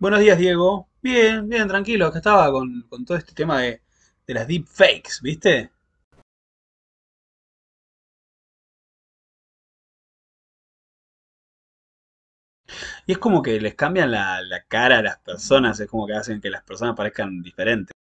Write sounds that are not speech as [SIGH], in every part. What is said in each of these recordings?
Buenos días, Diego. Bien, bien, tranquilo. Acá estaba con todo este tema de las deepfakes, ¿viste? Y es como que les cambian la cara a las personas, es como que hacen que las personas parezcan diferentes.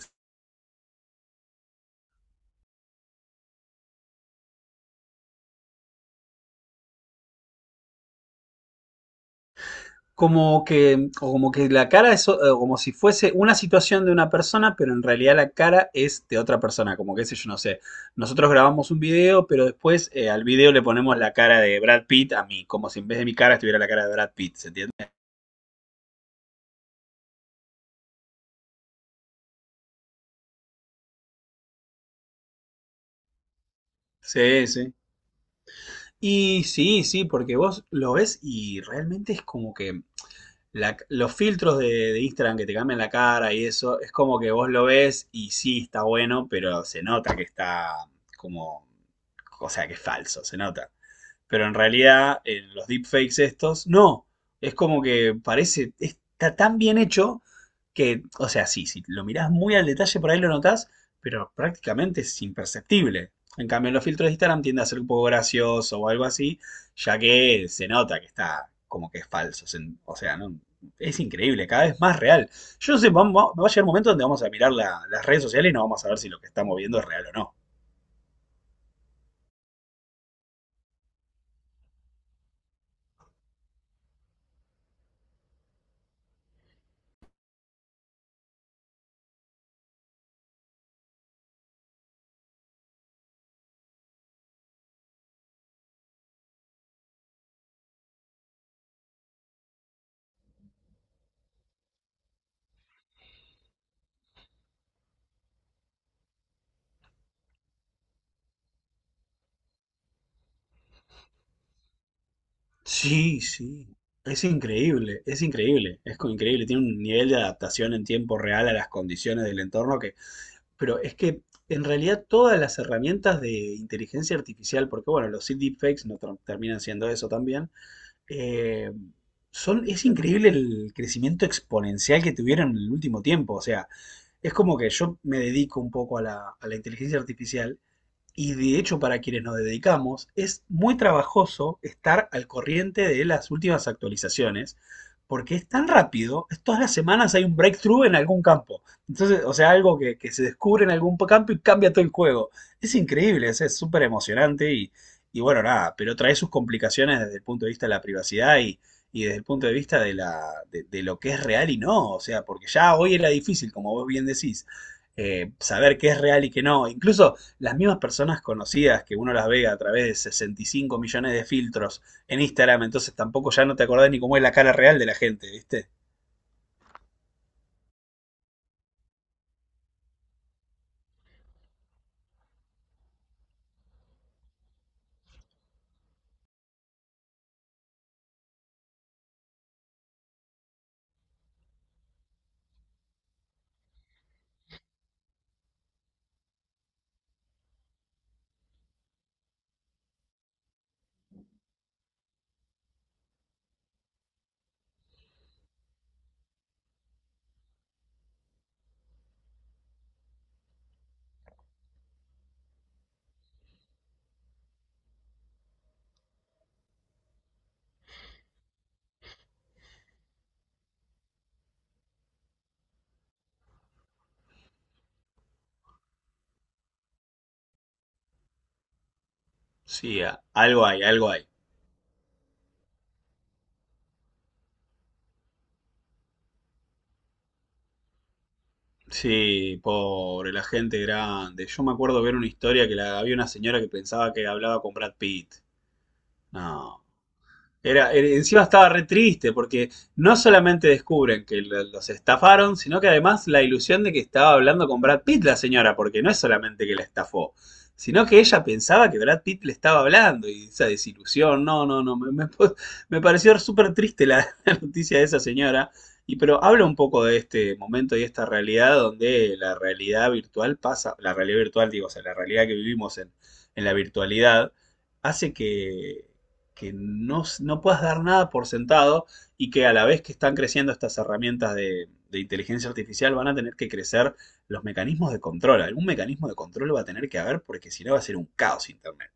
Como que, o como que la cara es como si fuese una situación de una persona, pero en realidad la cara es de otra persona. Como que, qué sé yo, no sé. Nosotros grabamos un video, pero después al video le ponemos la cara de Brad Pitt a mí, como si en vez de mi cara estuviera la cara de Brad Pitt, ¿se entiende? Sí, sí. Y sí, sí, porque vos lo ves y realmente es como que los filtros de Instagram que te cambian la cara y eso, es como que vos lo ves y sí está bueno, pero se nota que está como, o sea, que es falso, se nota, pero en realidad en los deepfakes estos, no, es como que parece, está tan bien hecho que, o sea, sí, si lo mirás muy al detalle por ahí lo notás, pero prácticamente es imperceptible. En cambio, en los filtros de Instagram tiende a ser un poco gracioso o algo así, ya que se nota que está como que es falso. O sea, no, es increíble, cada vez más real. Yo no sé, va a llegar un momento donde vamos a mirar las redes sociales y no vamos a ver si lo que estamos viendo es real o no. Sí, sí. Es increíble, increíble. Tiene un nivel de adaptación en tiempo real a las condiciones del entorno que... Pero es que en realidad todas las herramientas de inteligencia artificial, porque bueno, los deepfakes no tra- terminan siendo eso también, eh, son, es increíble el crecimiento exponencial que tuvieron en el último tiempo. O sea, es como que yo me dedico un poco a a la inteligencia artificial, y de hecho para quienes nos dedicamos, es muy trabajoso estar al corriente de las últimas actualizaciones, porque es tan rápido, todas las semanas hay un breakthrough en algún campo. Entonces, o sea, algo que se descubre en algún campo y cambia todo el juego. Es increíble, es súper emocionante y bueno, nada, pero trae sus complicaciones desde el punto de vista de la privacidad y desde el punto de vista de lo que es real y no. O sea, porque ya hoy era difícil, como vos bien decís, saber qué es real y qué no. Incluso las mismas personas conocidas que uno las ve a través de 65 millones de filtros en Instagram, entonces tampoco ya no te acordás ni cómo es la cara real de la gente, ¿viste? Sí, algo hay, algo hay. Sí, pobre, la gente grande. Yo me acuerdo ver una historia que la, había una señora que pensaba que hablaba con Brad Pitt. No. Encima estaba re triste porque no solamente descubren que los estafaron, sino que además la ilusión de que estaba hablando con Brad Pitt la señora, porque no es solamente que la estafó, sino que ella pensaba que Brad Pitt le estaba hablando y esa desilusión, no, no, no, me- [LAUGHS] me pareció súper triste la, [LAUGHS] la noticia de esa señora, y pero habla un poco de este momento y esta realidad donde la realidad virtual pasa, la realidad virtual digo, o sea, la realidad que vivimos en la virtualidad hace que no, no puedas dar nada por sentado, y que a la vez que están creciendo estas herramientas de inteligencia artificial van a tener que crecer los mecanismos de control. Algún mecanismo de control va a tener que haber, porque si no va a ser un caos Internet.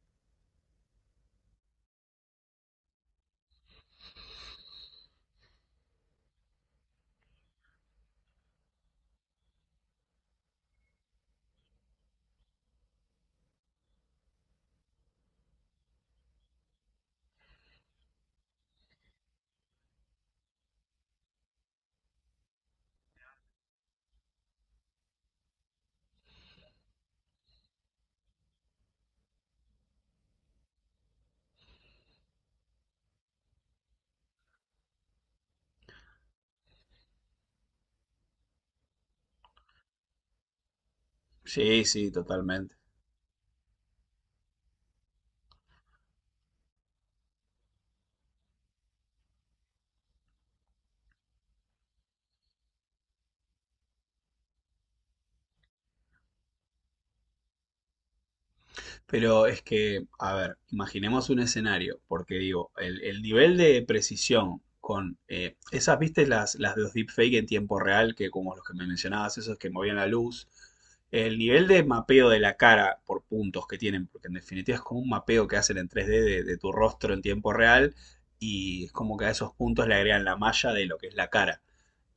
Sí, sí, totalmente. Pero es que, a ver, imaginemos un escenario, porque digo, el nivel de precisión con esas, viste, las de los deepfake en tiempo real, que como los que me mencionabas, esos que movían la luz, el nivel de mapeo de la cara por puntos que tienen, porque en definitiva es como un mapeo que hacen en 3D de tu rostro en tiempo real, y es como que a esos puntos le agregan la malla de lo que es la cara.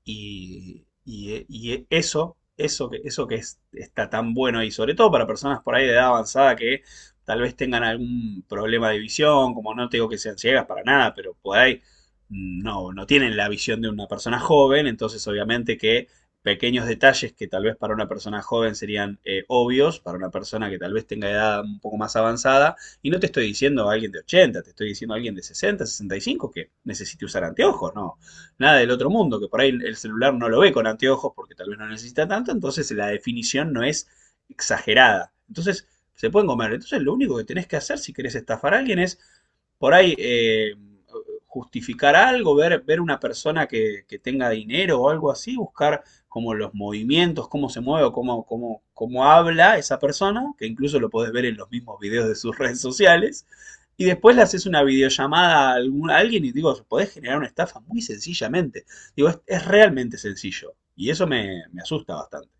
Y eso, eso que es- Está tan bueno, y sobre todo para personas por ahí de edad avanzada que tal vez tengan algún problema de visión, como no te digo que sean ciegas para nada, pero por ahí no, no tienen la visión de una persona joven, entonces obviamente que pequeños detalles que tal vez para una persona joven serían obvios, para una persona que tal vez tenga edad un poco más avanzada, y no te estoy diciendo a alguien de 80, te estoy diciendo a alguien de 60, 65 que necesite usar anteojos, no, nada del otro mundo, que por ahí el celular no lo ve con anteojos porque tal vez no necesita tanto, entonces la definición no es exagerada. Entonces se pueden comer. Entonces lo único que tenés que hacer si querés estafar a alguien es por ahí justificar algo, ver, ver una persona que tenga dinero o algo así, buscar como los movimientos, cómo se mueve o cómo, cómo, cómo habla esa persona, que incluso lo podés ver en los mismos videos de sus redes sociales, y después le haces una videollamada a, a alguien y digo, podés generar una estafa muy sencillamente. Digo, es realmente sencillo. Y eso me, me asusta bastante.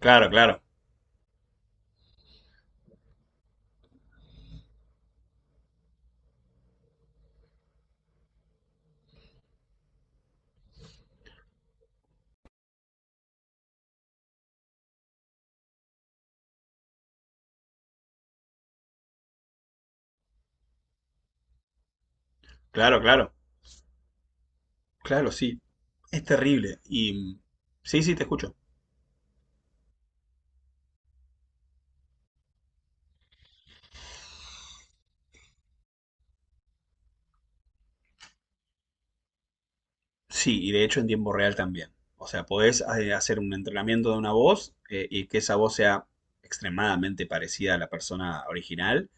Claro, claro, claro, claro. Claro, sí. Es terrible. Y sí, sí, te escucho. Sí, y de hecho en tiempo real también. O sea, podés hacer un entrenamiento de una voz y que esa voz sea extremadamente parecida a la persona original.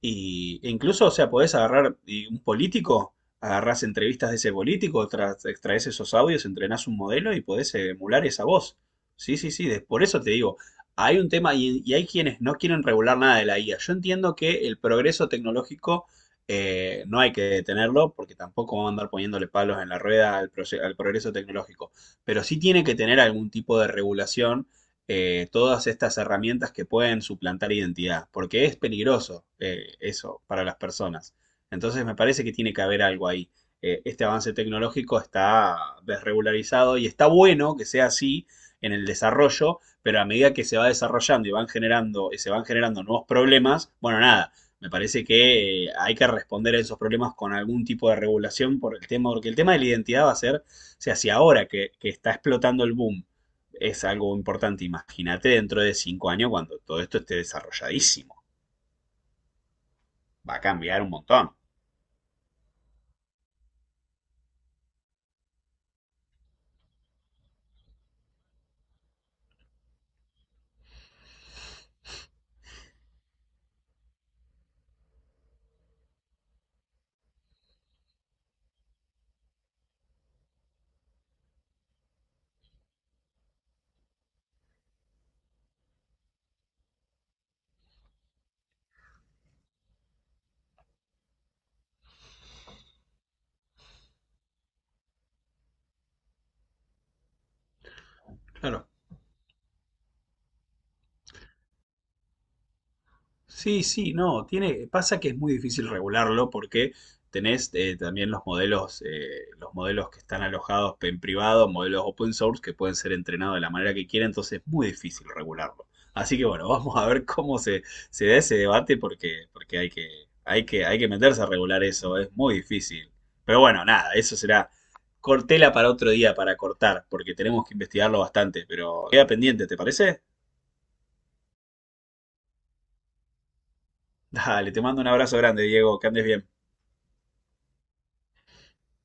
Y, e incluso, o sea, podés agarrar y un político, agarrás entrevistas de ese político, extraes esos audios, entrenás un modelo y podés emular esa voz. Sí, sí, sí, por eso te digo, hay un tema y hay quienes no quieren regular nada de la IA. Yo entiendo que el progreso tecnológico no hay que detenerlo, porque tampoco vamos a andar poniéndole palos en la rueda al, al progreso tecnológico, pero sí tiene que tener algún tipo de regulación, todas estas herramientas que pueden suplantar identidad, porque es peligroso, eso para las personas. Entonces me parece que tiene que haber algo ahí. Este avance tecnológico está desregularizado y está bueno que sea así en el desarrollo, pero a medida que se va desarrollando y van generando, y se van generando nuevos problemas, bueno, nada, me parece que hay que responder a esos problemas con algún tipo de regulación por el tema, porque el tema de la identidad va a ser, o sea, si ahora que está explotando el boom, es algo importante. Imagínate dentro de 5 años cuando todo esto esté desarrolladísimo. Va a cambiar un montón. Claro. Sí, sí, no, tiene, pasa que es muy difícil regularlo porque tenés también los modelos que están alojados en privado, modelos open source que pueden ser entrenados de la manera que quieran, entonces es muy difícil regularlo. Así que bueno, [LAUGHS] vamos a ver cómo se da ese debate, porque, hay que meterse a regular eso, es muy difícil. Pero bueno, nada, eso será cortela para otro día para cortar, porque tenemos que investigarlo bastante, pero queda pendiente, ¿te parece? [LAUGHS] Dale, te mando un abrazo grande, Diego, que andes bien.